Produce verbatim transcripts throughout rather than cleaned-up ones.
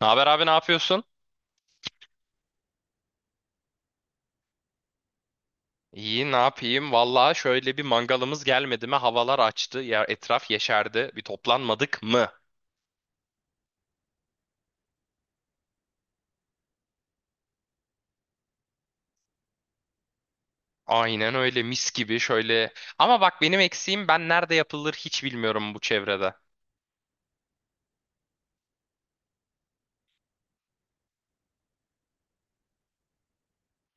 Ne haber abi ne yapıyorsun? İyi ne yapayım? Vallahi şöyle bir mangalımız gelmedi mi? Havalar açtı. Ya etraf yeşerdi. Bir toplanmadık mı? Aynen öyle mis gibi şöyle. Ama bak benim eksiğim ben nerede yapılır hiç bilmiyorum bu çevrede.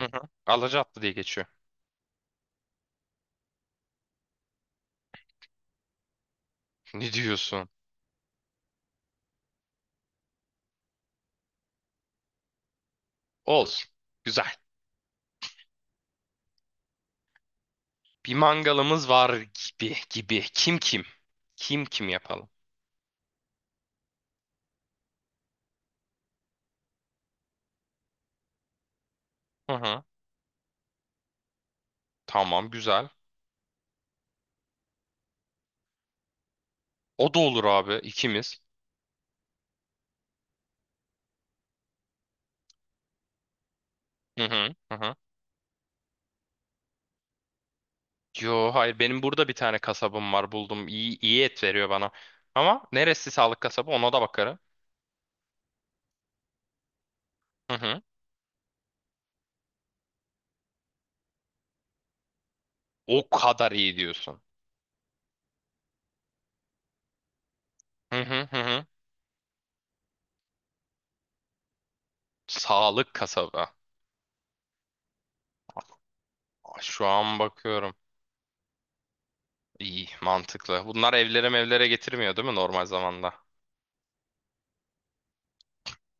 Hı hı. Alacaatlı diye geçiyor. Ne diyorsun? Olur. Güzel. Bir mangalımız var gibi gibi. Kim kim? Kim kim yapalım? Hı hı. Tamam güzel. O da olur abi ikimiz. Hı hı. Hı hı. Yo hayır benim burada bir tane kasabım var buldum. İyi, iyi et veriyor bana. Ama neresi sağlık kasabı ona da bakarım. Hı hı. O kadar iyi diyorsun. Hı hı hı hı. Sağlık kasabı. Aa, şu an bakıyorum. İyi mantıklı. Bunlar evlere mevlere getirmiyor değil mi normal zamanda?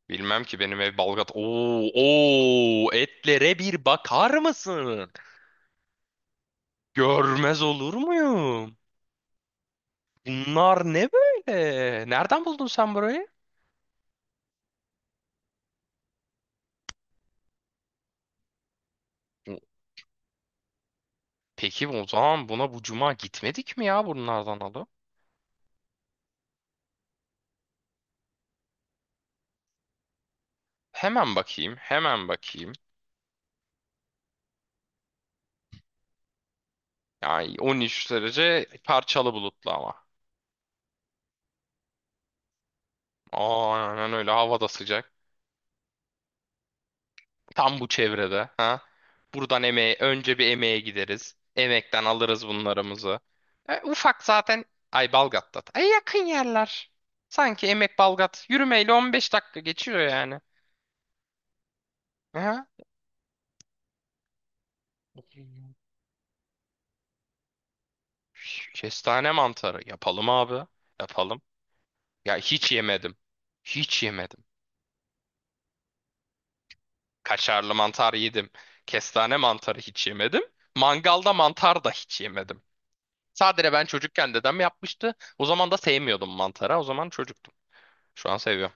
Bilmem ki benim ev Balgat. Oo, oo, etlere bir bakar mısın? Görmez olur muyum? Bunlar ne böyle? Nereden buldun sen burayı? Peki o zaman buna bu cuma gitmedik mi ya bunlardan alıp? Hemen bakayım, hemen bakayım. Yani on üç derece parçalı bulutlu ama. Aa, aynen öyle hava da sıcak. Tam bu çevrede. Ha? Buradan emeğe, önce bir emeğe gideriz. Emekten alırız bunlarımızı. E, ufak zaten. Ay Balgat'ta. Ay yakın yerler. Sanki Emek Balgat yürümeyle on beş dakika geçiyor yani. Ha? Kestane mantarı yapalım abi. Yapalım. Ya hiç yemedim. Hiç yemedim. Kaşarlı mantar yedim. Kestane mantarı hiç yemedim. Mangalda mantar da hiç yemedim. Sadece ben çocukken dedem yapmıştı. O zaman da sevmiyordum mantara. O zaman çocuktum. Şu an seviyorum.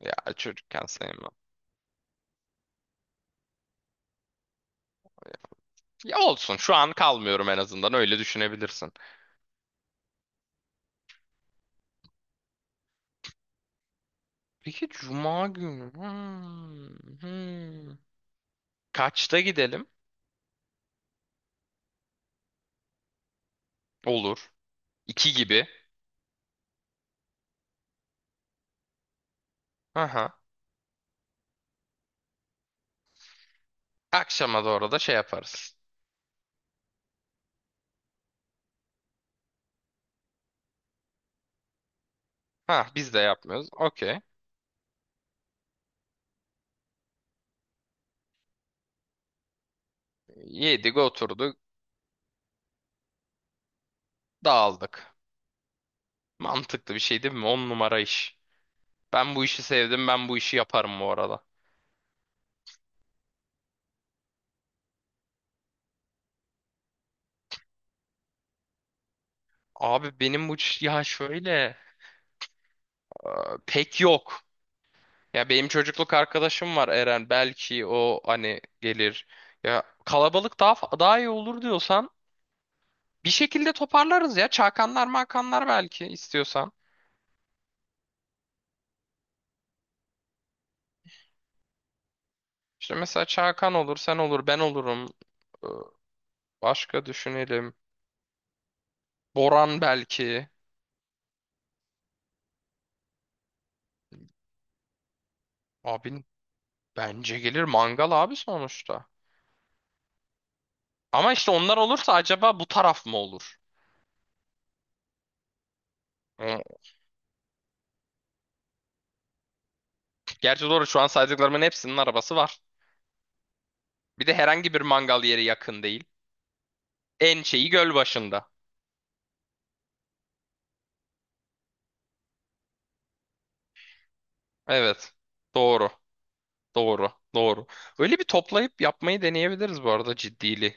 Ya çocukken sevmiyorum. Ya olsun. Şu an kalmıyorum en azından. Öyle düşünebilirsin. Peki cuma günü. Hmm, hmm. Kaçta gidelim? Olur. İki gibi. Aha. Akşama doğru da şey yaparız. Ha biz de yapmıyoruz. Okey. Yedik oturduk dağıldık. Mantıklı bir şey değil mi? On numara iş. Ben bu işi sevdim ben bu işi yaparım bu arada. Abi benim bu iş- ya şöyle, e, pek yok. Ya benim çocukluk arkadaşım var Eren belki o hani gelir. Ya kalabalık daha fa- daha iyi olur diyorsan bir şekilde toparlarız ya. Çakanlar makanlar belki istiyorsan. İşte mesela Çakan olur sen olur ben olurum. E, başka düşünelim. Boran belki. Abi bence gelir mangal abi sonuçta. Ama işte onlar olursa acaba bu taraf mı olur? Hı. Gerçi doğru şu an saydıklarımın hepsinin arabası var. Bir de herhangi bir mangal yeri yakın değil. En şeyi göl başında. Evet. Doğru. Doğru. Doğru. Öyle bir toplayıp yapmayı deneyebiliriz bu arada ciddili.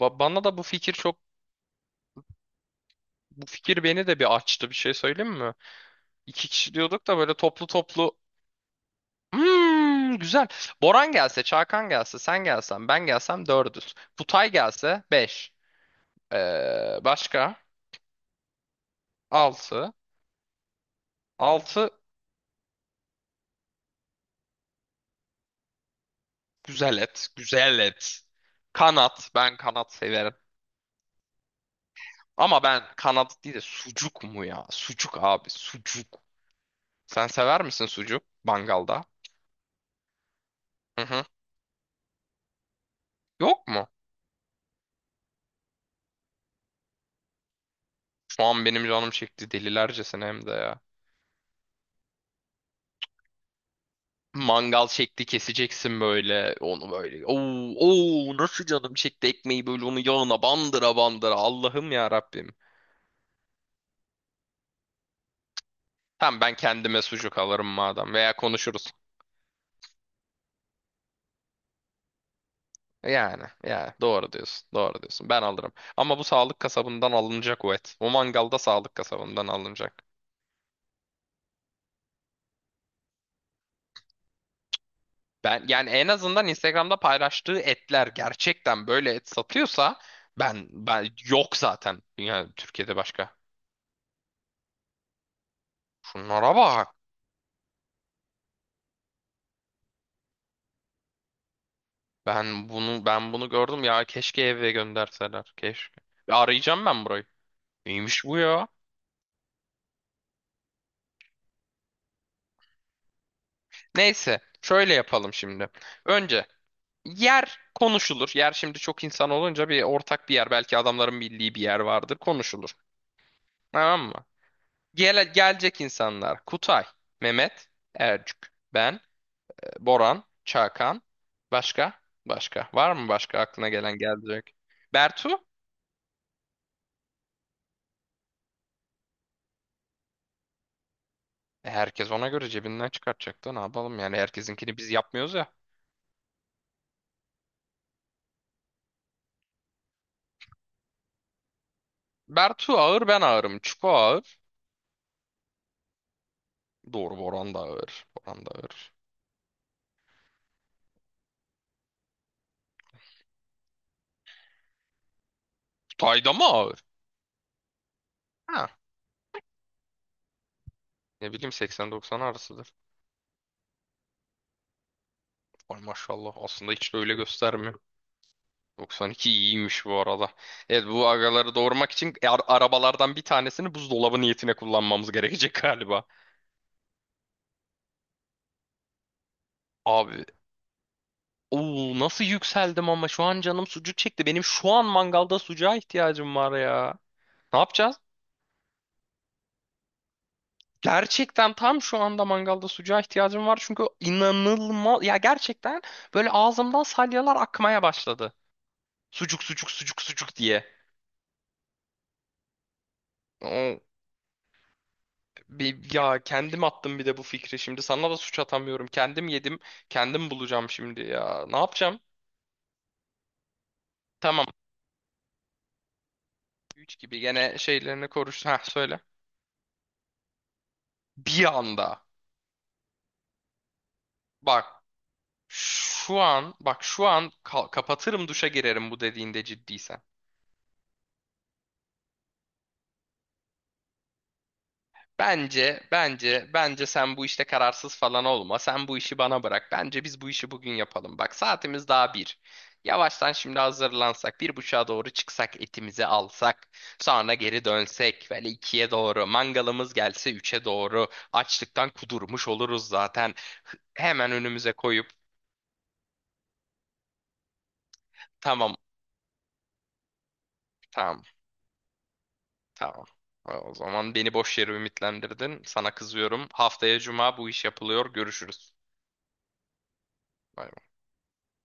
Ba- bana da bu fikir çok, bu fikir beni de bir açtı, bir şey söyleyeyim mi? İki kişi diyorduk da böyle toplu toplu. Hmm, güzel. Boran gelse, Çakan gelse, sen gelsen, ben gelsem dördüz. Kutay gelse beş. Ee, başka? Altı. Altı güzel et. Güzel et. Kanat. Ben kanat severim. Ama ben kanat değil de sucuk mu ya? Sucuk abi. Sucuk. Sen sever misin sucuk? Mangalda. Hı hı. Yok mu? Şu an benim canım çekti delilercesine hem de ya. Mangal şekli keseceksin böyle. Onu böyle. Oo, oo, nasıl canım çekti ekmeği böyle onu yağına bandıra bandıra. Allah'ım ya Rabbim. Tamam ben kendime sucuk alırım madem. Veya konuşuruz. Yani, yani doğru diyorsun, doğru diyorsun. Ben alırım. Ama bu sağlık kasabından alınacak o et. O mangalda sağlık kasabından alınacak. Ben yani en azından Instagram'da paylaştığı etler gerçekten böyle et satıyorsa ben ben yok zaten. Yani Türkiye'de başka. Şunlara bak. Ben bunu ben bunu gördüm ya keşke eve gönderseler. Keşke. Ya arayacağım ben burayı. Neymiş bu ya? Neyse, şöyle yapalım şimdi. Önce yer konuşulur. Yer şimdi çok insan olunca bir ortak bir yer. Belki adamların bildiği bir yer vardır. Konuşulur. Tamam mı? Gele, gelecek insanlar: Kutay, Mehmet, Ercük, ben, e, Boran, Çakan. Başka? Başka. Var mı başka aklına gelen gelecek? Bertu? E, herkes ona göre cebinden çıkartacak da ne yapalım yani herkesinkini biz yapmıyoruz ya. Bertu ağır, ben ağırım. Çuko ağır. Doğru, Boran da ağır. Boran da ağır. Kutay da mı ağır? Ha. Ne bileyim seksen doksan arasıdır. Ay maşallah aslında hiç de öyle göstermiyor. doksan iki iyiymiş bu arada. Evet bu agaları doğurmak için ar- arabalardan bir tanesini buzdolabı niyetine kullanmamız gerekecek galiba. Abi oo, nasıl yükseldim ama, şu an canım sucuk çekti. Benim şu an mangalda sucuğa ihtiyacım var ya. Ne yapacağız? Gerçekten tam şu anda mangalda sucuğa ihtiyacım var çünkü inanılmaz ya, gerçekten böyle ağzımdan salyalar akmaya başladı. Sucuk sucuk sucuk sucuk diye. Bir, ya kendim attım bir de bu fikri şimdi. Sana da suç atamıyorum. Kendim yedim. Kendim bulacağım şimdi ya. Ne yapacağım? Tamam. üç gibi gene şeylerini koruş. Ha söyle. Bir anda. Bak şu an, bak şu an ka- kapatırım duşa girerim bu dediğinde ciddiysen. Bence, bence, bence sen bu işte kararsız falan olma. Sen bu işi bana bırak. Bence biz bu işi bugün yapalım. Bak saatimiz daha bir. Yavaştan şimdi hazırlansak, bir buçuğa doğru çıksak, etimizi alsak, sonra geri dönsek, böyle ikiye doğru, mangalımız gelse üçe doğru, açlıktan kudurmuş oluruz zaten. Hemen önümüze koyup, tamam, tamam, tamam. O zaman beni boş yere ümitlendirdin, sana kızıyorum. Haftaya cuma bu iş yapılıyor, görüşürüz. Bay bay.